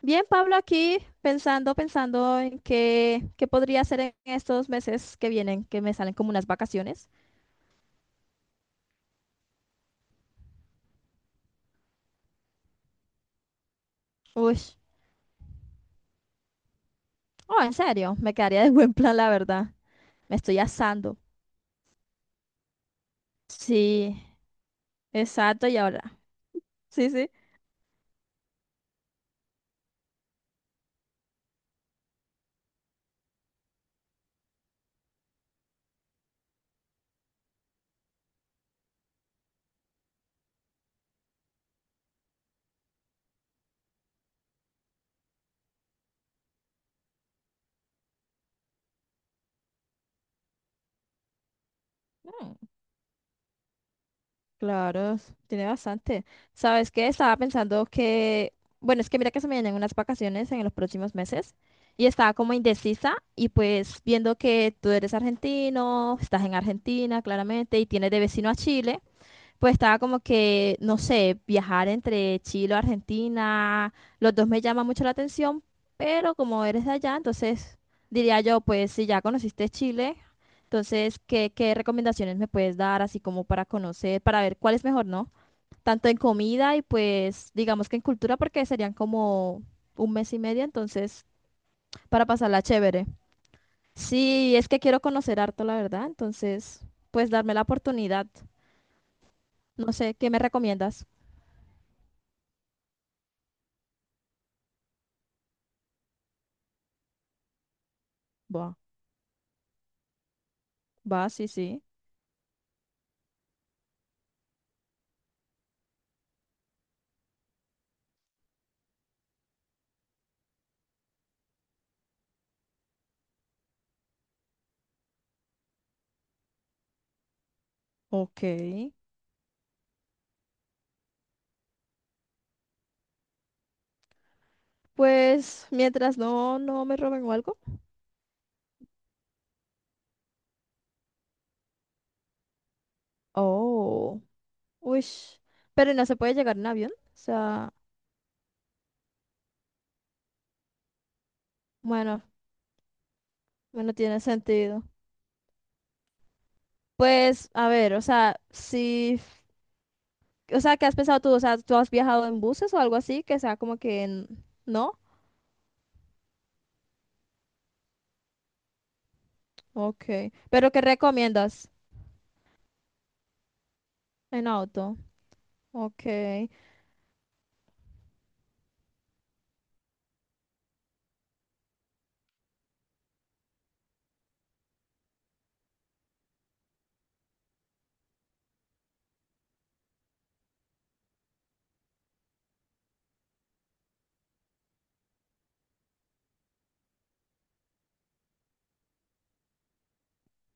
Bien, Pablo, aquí pensando, en qué podría hacer en estos meses que vienen, que me salen como unas vacaciones. Uy, oh, en serio, me quedaría de buen plan, la verdad. Me estoy asando. Sí, exacto, y ahora. Sí, sí. Mm, claro, tiene bastante. ¿Sabes qué? Estaba pensando que, bueno, es que mira que se me vienen unas vacaciones en los próximos meses y estaba como indecisa y pues viendo que tú eres argentino, estás en Argentina, claramente, y tienes de vecino a Chile. Pues estaba como que, no sé, viajar entre Chile o Argentina, los dos me llaman mucho la atención, pero como eres de allá, entonces diría yo, pues si ya conociste Chile, entonces, ¿qué recomendaciones me puedes dar así como para conocer, para ver cuál es mejor, no? Tanto en comida y pues digamos que en cultura, porque serían como un mes y medio, entonces, para pasarla chévere. Sí, es que quiero conocer harto, la verdad, entonces, pues darme la oportunidad. No sé, ¿qué me recomiendas? Va, sí, sí. Ok. Pues mientras no me roben o algo. Oh. Uy. Pero no se puede llegar en avión. O sea, bueno, bueno tiene sentido. Pues, a ver, o sea, si. O sea, ¿qué has pensado tú? O sea, ¿tú has viajado en buses o algo así? Que sea como que en... ¿No? Ok. ¿Pero qué recomiendas? En auto. Ok.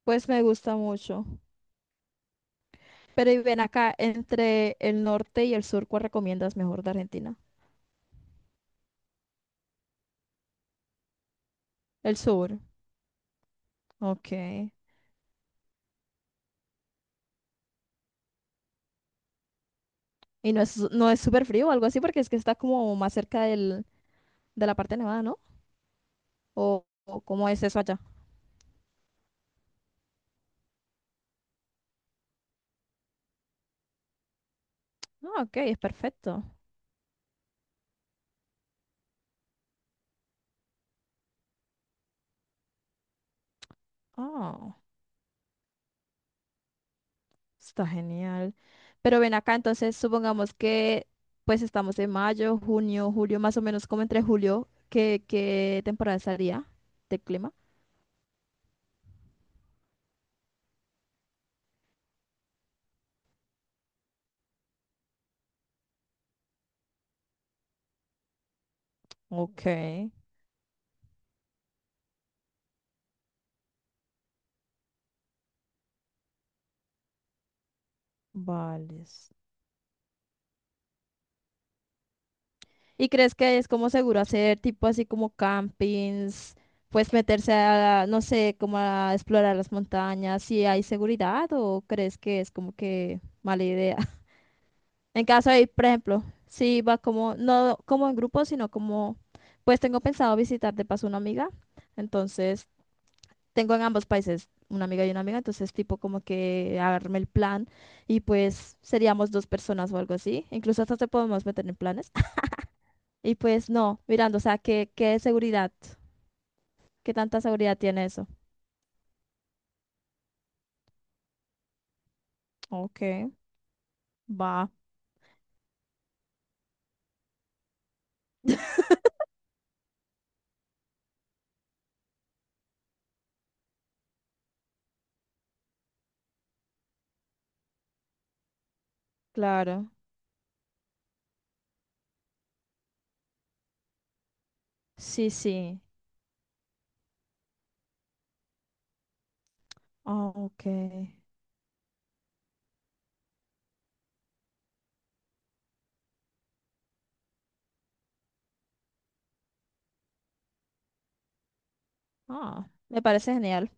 Pues me gusta mucho. Pero y ven acá, entre el norte y el sur, ¿cuál recomiendas mejor de Argentina? El sur. Ok. Y no es súper frío o algo así porque es que está como más cerca de la parte nevada, ¿no? ¿O cómo es eso allá? Ah, ok, es perfecto. Ah, está genial. Pero ven acá, entonces supongamos que pues estamos en mayo, junio, julio, más o menos como entre julio, ¿qué temporada estaría de clima? Ok, vale. ¿Y crees que es como seguro hacer tipo así como campings, pues meterse a, no sé, como a explorar las montañas, si hay seguridad o crees que es como que mala idea? En caso de ir, por ejemplo, si va como, no como en grupo, sino como, pues tengo pensado visitar de paso una amiga, entonces tengo en ambos países una amiga y una amiga, entonces tipo como que arme el plan y pues seríamos dos personas o algo así, incluso hasta te podemos meter en planes. Y pues no, mirando, o sea, ¿qué seguridad? ¿Qué tanta seguridad tiene eso? Ok, va, claro. Sí, sí. Ah, ok. Ah, me parece genial.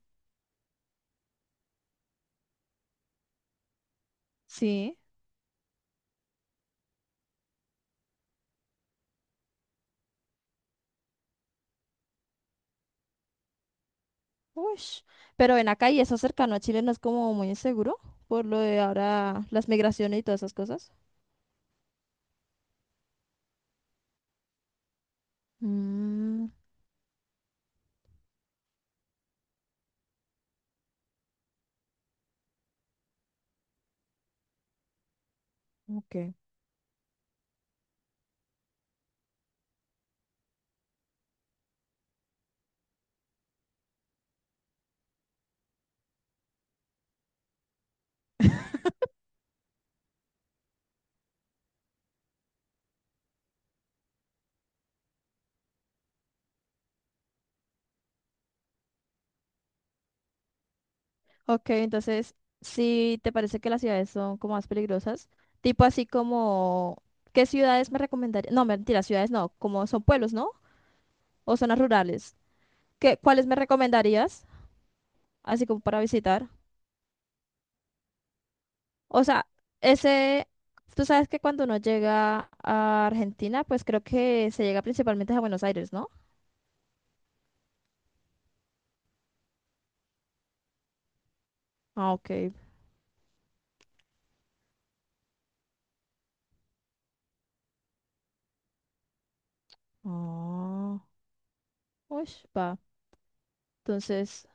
Sí. Ush. Pero en acá y eso cercano a Chile no es como muy inseguro por lo de ahora las migraciones y todas esas cosas. Mm, ok. Ok, entonces, si te parece que las ciudades son como más peligrosas, tipo así como, ¿qué ciudades me recomendarías? No, mentira, ciudades no, como son pueblos, ¿no? O zonas rurales. ¿Qué, cuáles me recomendarías? Así como para visitar. O sea, ese, tú sabes que cuando uno llega a Argentina, pues creo que se llega principalmente a Buenos Aires, ¿no? Ah, ok. Ah, uy, va. Entonces,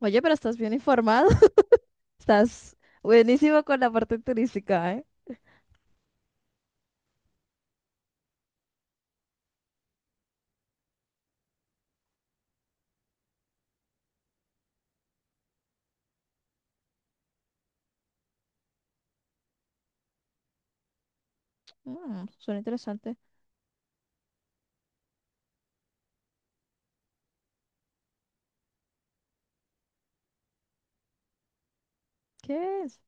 oye, pero estás bien informado. Estás buenísimo con la parte turística, ¿eh? Mm, suena interesante. ¿Qué es?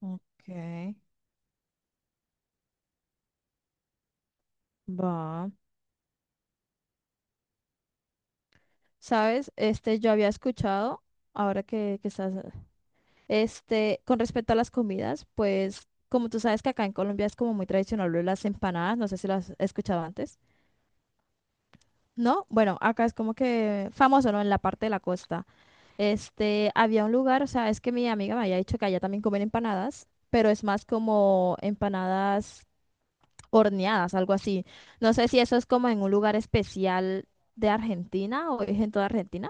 Ok, va. ¿Sabes? Este, yo había escuchado, ahora que estás. Este, con respecto a las comidas, pues como tú sabes que acá en Colombia es como muy tradicional lo de las empanadas, no sé si las has escuchado antes. No, bueno, acá es como que famoso, ¿no? En la parte de la costa. Este, había un lugar, o sea, es que mi amiga me había dicho que allá también comen empanadas, pero es más como empanadas horneadas, algo así. No sé si eso es como en un lugar especial de Argentina o es en toda Argentina.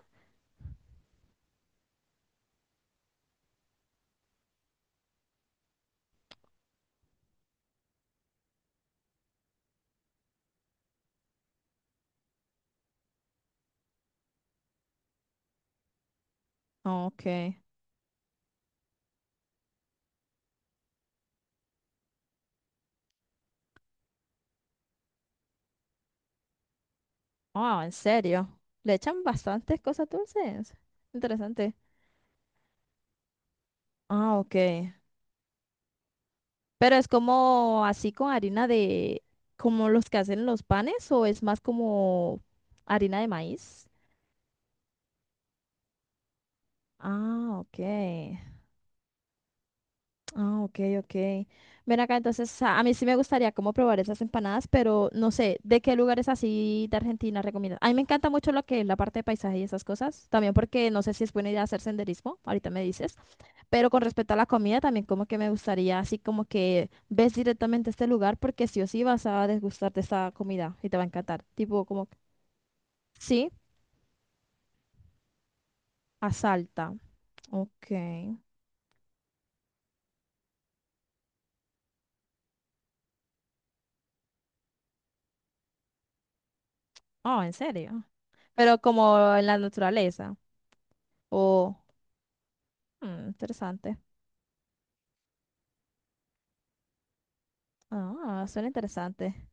Ok. Ah, en serio. Le echan bastantes cosas dulces. Interesante. Ah, ok. Pero es como así con harina de, como los que hacen los panes, o es más como harina de maíz. Ah, ok. Ah, ok, ok. Ven acá, entonces a mí sí me gustaría como probar esas empanadas, pero no sé, ¿de qué lugares así de Argentina recomiendas? A mí me encanta mucho lo que es la parte de paisaje y esas cosas, también porque no sé si es buena idea hacer senderismo, ahorita me dices. Pero con respecto a la comida, también como que me gustaría, así como que ves directamente este lugar porque sí o sí vas a degustarte esta comida y te va a encantar. Tipo como, que, sí, a Salta. Ok. Oh, ¿en serio? Pero como en la naturaleza. O, mm, interesante. Ah, suena interesante.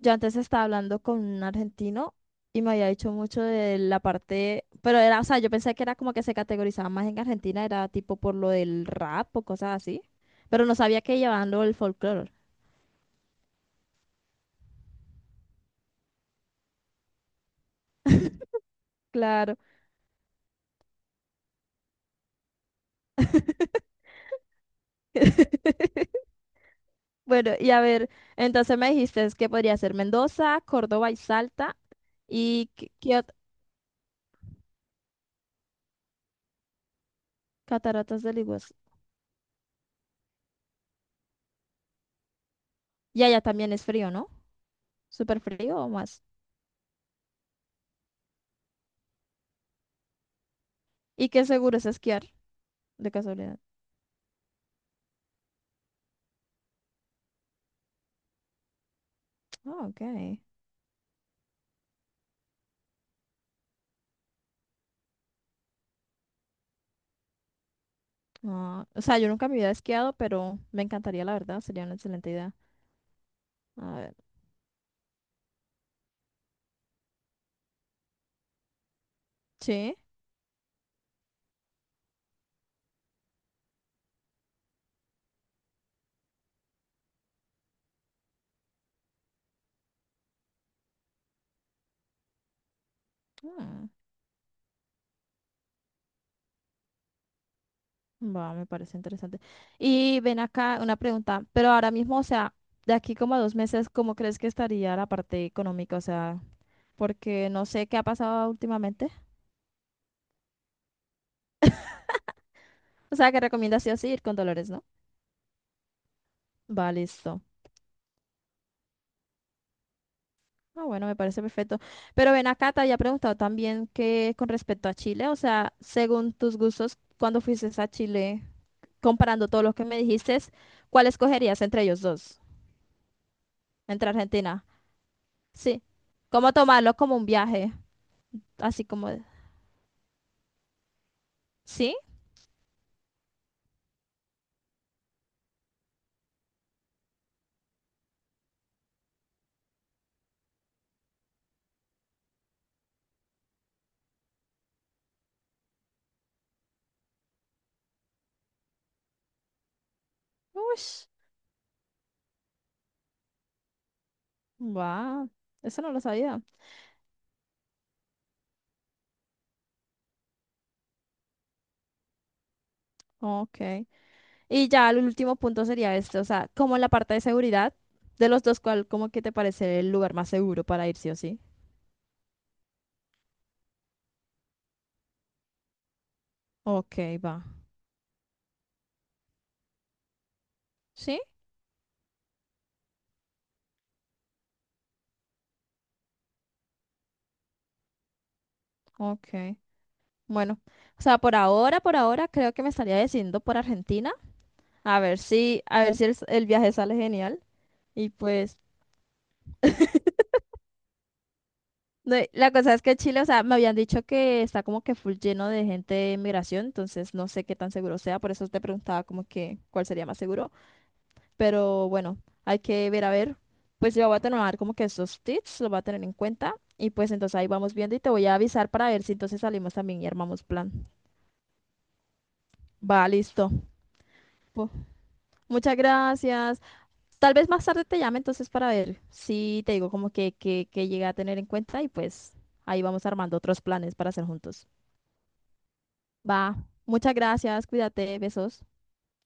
Yo antes estaba hablando con un argentino y me había dicho mucho de la parte, pero era, o sea, yo pensé que era como que se categorizaba más en Argentina, era tipo por lo del rap o cosas así, pero no sabía que llevaban lo del folclore. Claro. Bueno, y a ver, entonces me dijiste es que podría ser Mendoza, Córdoba y Salta y Cataratas del Iguazú. Y allá también es frío, ¿no? Súper frío o más. ¿Y qué seguro es esquiar? De casualidad. Ah, ok. Ah, o sea, yo nunca me había esquiado, pero me encantaría, la verdad, sería una excelente idea. A ver, sí. Mm, va, me parece interesante. Y ven acá una pregunta, pero ahora mismo, o sea, de aquí como a 2 meses, ¿cómo crees que estaría la parte económica? O sea, porque no sé qué ha pasado últimamente. O sea, que recomiendas sí o sí ir con Dolores, ¿no? Va, listo. Ah, bueno, me parece perfecto. Pero ven acá, te había preguntado también que con respecto a Chile, o sea, según tus gustos, ¿cuándo fuiste a Chile? Comparando todos los que me dijiste, ¿cuál escogerías entre ellos dos? Entre Argentina. Sí. ¿Cómo tomarlo como un viaje? Así como... de- ¿Sí? Ush. Wow. Eso no lo sabía. Ok. Y ya el último punto sería este. O sea, como en la parte de seguridad, de los dos, ¿cuál como que te parece el lugar más seguro para ir sí o sí? Ok, va. ¿Sí? Ok. Bueno. O sea, por ahora, creo que me estaría decidiendo por Argentina. A ver si, el viaje sale genial. Y pues... No, y la cosa es que Chile, o sea, me habían dicho que está como que full lleno de gente de migración, entonces no sé qué tan seguro sea, por eso te preguntaba como que cuál sería más seguro, pero bueno, hay que ver a ver. Pues yo voy a tomar como que esos tips, los voy a tener en cuenta y pues entonces ahí vamos viendo y te voy a avisar para ver si entonces salimos también y armamos plan. Va, listo. Pu- muchas gracias. Tal vez más tarde te llame entonces para ver si te digo como que, que llegué a tener en cuenta y pues ahí vamos armando otros planes para hacer juntos. Va. Muchas gracias. Cuídate. Besos.